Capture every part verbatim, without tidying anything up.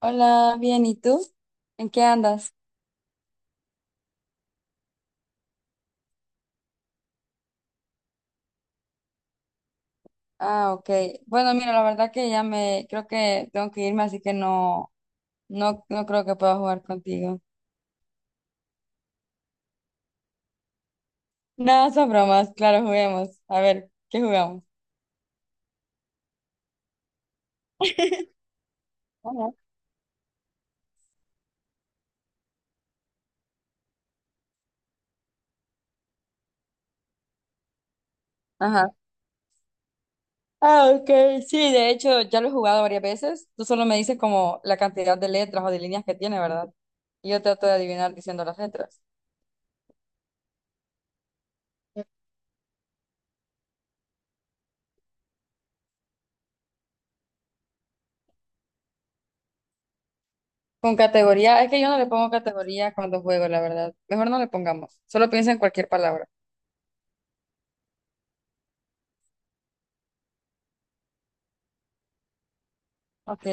Hola, bien, ¿y tú? ¿En qué andas? Ah, ok. Bueno, mira, la verdad que ya me, creo que tengo que irme, así que no, no, no creo que pueda jugar contigo. No, son bromas, claro, juguemos. A ver, ¿qué jugamos? Ajá. Ajá. Ah, ok. Sí, de hecho, ya lo he jugado varias veces. Tú solo me dices como la cantidad de letras o de líneas que tiene, ¿verdad? Y yo trato de adivinar diciendo las letras. Con categoría, es que yo no le pongo categoría cuando juego, la verdad. Mejor no le pongamos. Solo piensa en cualquier palabra. Ok.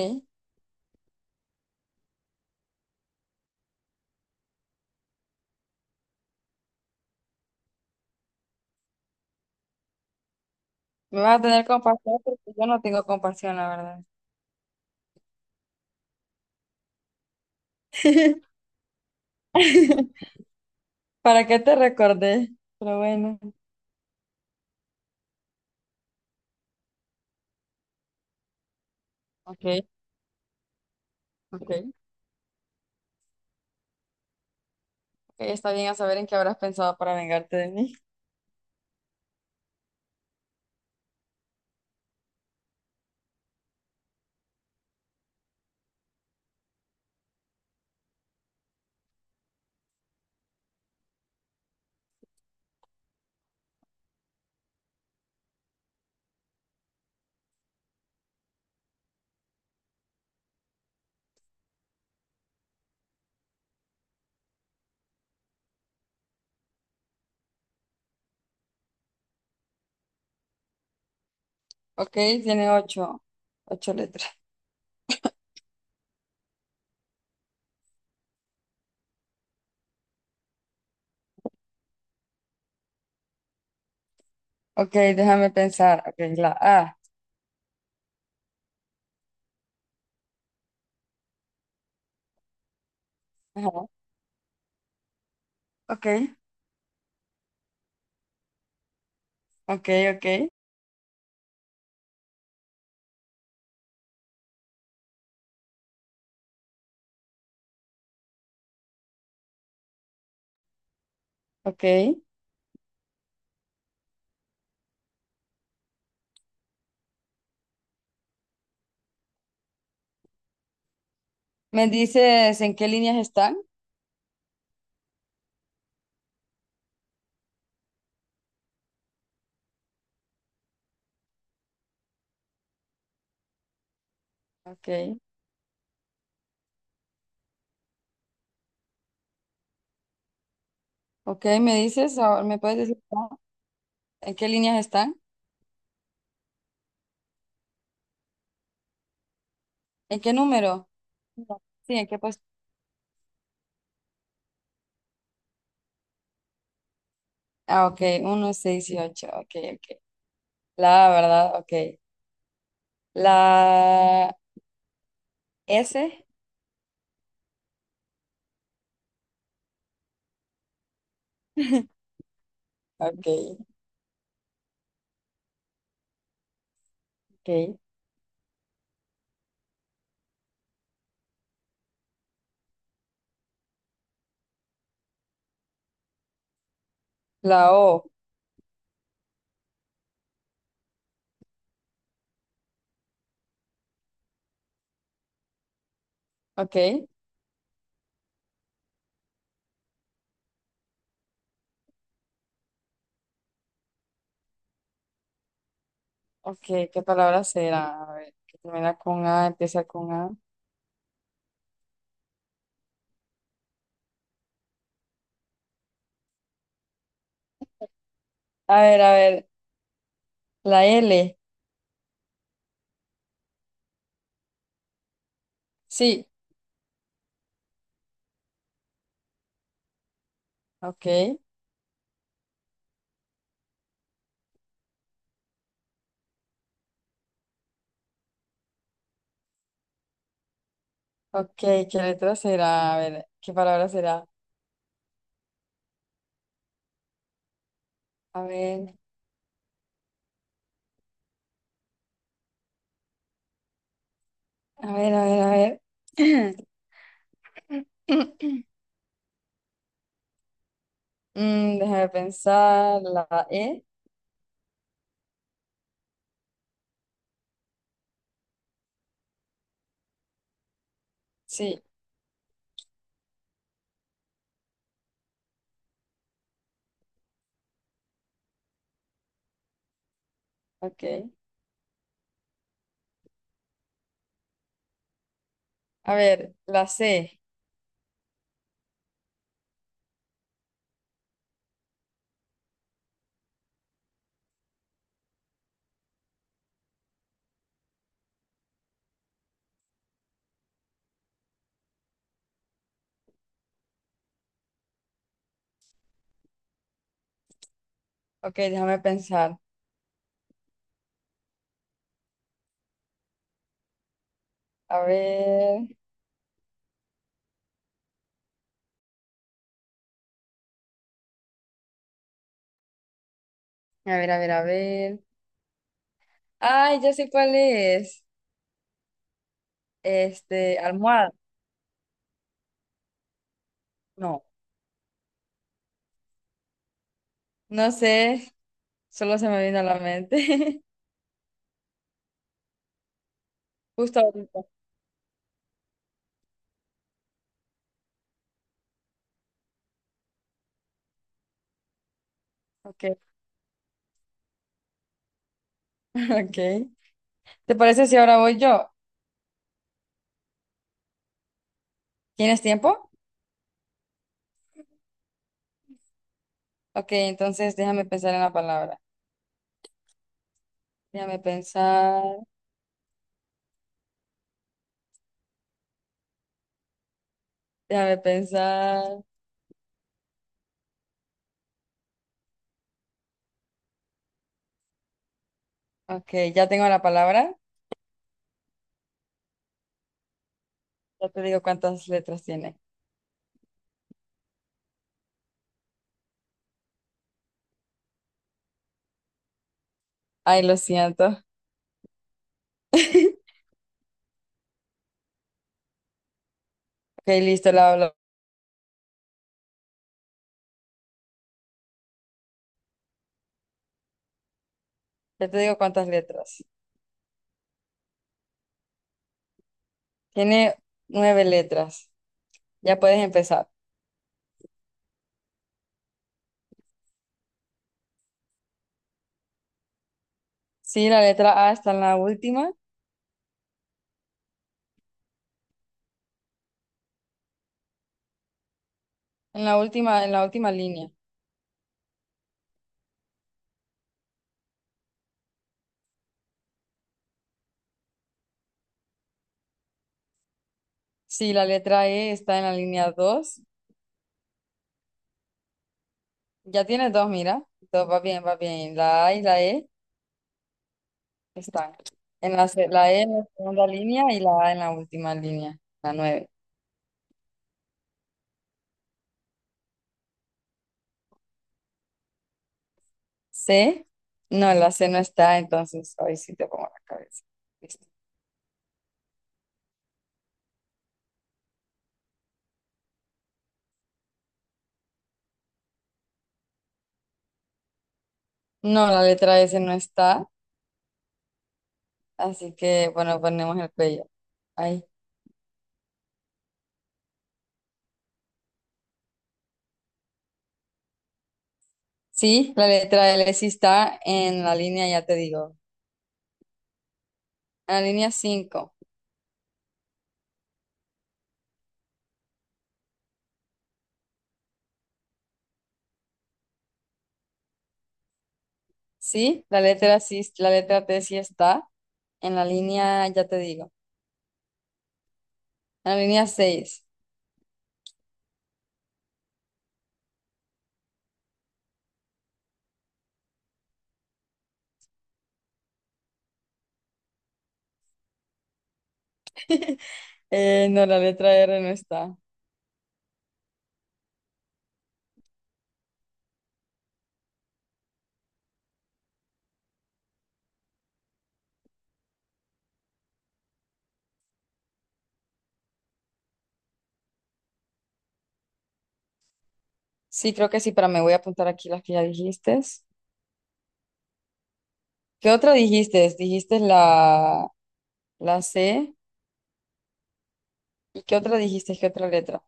Me vas a tener compasión porque yo no tengo compasión, la verdad. ¿Para qué te recordé? Pero bueno. Ok, ok. Ok, está bien a saber en qué habrás pensado para vengarte de mí. Ok, tiene ocho, ocho letras. Ok, déjame pensar. Ok, la A. Ajá. Ok, ok, ok, ok. ¿Me dices en qué líneas están? Ok, ok, ¿me dices? Ahora, ¿me puedes decir ah, en qué líneas están? ¿En qué número? No. Sí, ¿en qué posición? Ah, ok, uno, seis y ocho. Ok, ok. La verdad, ok. La S. Ok, ok. La O. Ok, ok. ¿Qué palabra será? A ver, que termina con A, empieza con A. A ver, a ver. La L. Sí. Ok, ok. ¿Qué letra será? A ver, ¿qué palabra será? A ver, a ver, a ver, a ver. Mm, déjame pensar. La E. Sí, ok. A ver, la C. Ok, déjame pensar. A ver, a ver, a ver, a ver. Ay, ya sé cuál es. Este, almohada. No, no sé. Solo se me vino a la mente. Justo ahorita. Ok, ok. ¿Te parece si ahora voy yo? ¿Tienes tiempo? Ok, entonces déjame pensar en la palabra. Déjame pensar, déjame pensar. Ok, ya tengo la palabra. Ya te digo cuántas letras tiene. Ay, lo siento. Ok, listo, la ya te digo cuántas letras. Tiene nueve letras. Ya puedes empezar. Sí, la letra A está en la última, en la última, en la última línea. Sí, la letra E está en la línea dos. Ya tienes dos, mira. Todo va bien, va bien. La A y la E están. En la, se- la E en la segunda línea y la A en la última línea, la nueve. C, no, la C no está, entonces hoy sí te pongo la cabeza. Listo. No, la letra S no está, así que bueno, ponemos el cuello. Ahí. Sí, la letra L sí está en la línea, ya te digo. En la línea cinco. Sí, la letra sí, la letra T sí está en la línea, ya te digo. En la línea seis. Eh, no, la letra R no está. Sí, creo que sí, pero me voy a apuntar aquí las que ya dijiste. ¿Qué otra dijiste? Dijiste la, la C. ¿Y qué otra dijiste? ¿Qué otra letra?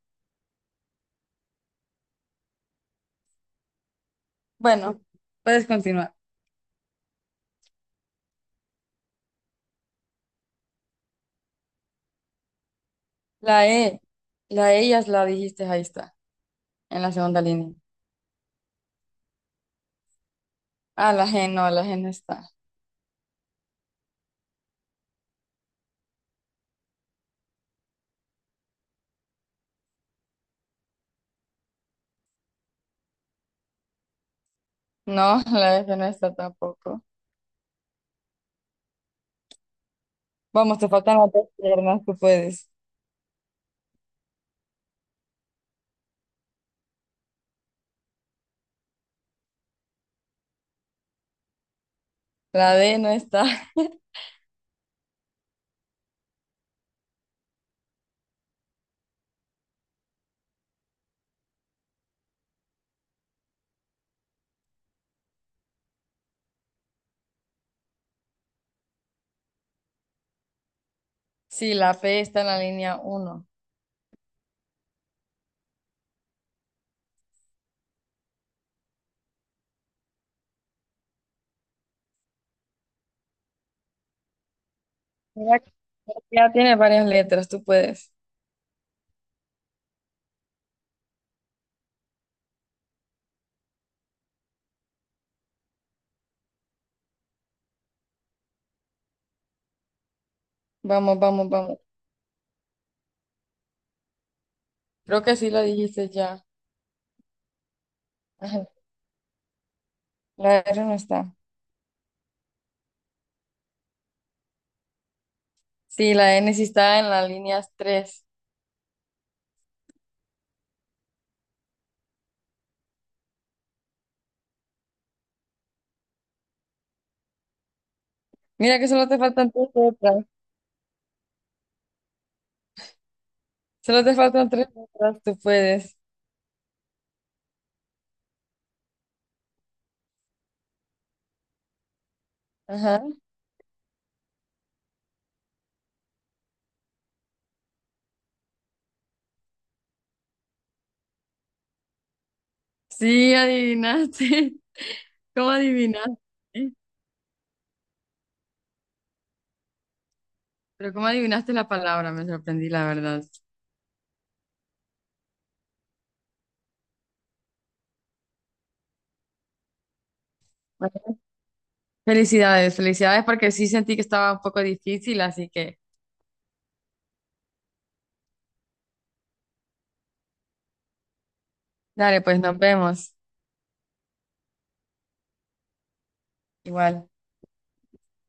Bueno, puedes continuar. La E. La E ya la dijiste, ahí está, en la segunda línea. Ah, la G no, la G no está. No, la F no está tampoco. Vamos, te faltan las dos piernas, tú puedes. La D no está. Sí, la P está en la línea uno. Mira, ya tiene varias letras, tú puedes. Vamos, vamos, vamos. Creo que sí lo dijiste ya. Ajá. La R no está. Sí, la N sí está en la línea tres. Mira que solo te faltan tres letras. Solo te faltan tres letras, tú puedes. Ajá. Sí, adivinaste. ¿Cómo adivinaste? Pero cómo adivinaste la palabra, me sorprendí, la verdad. Bueno, felicidades, felicidades porque sí sentí que estaba un poco difícil, así que dale, pues nos vemos. Igual.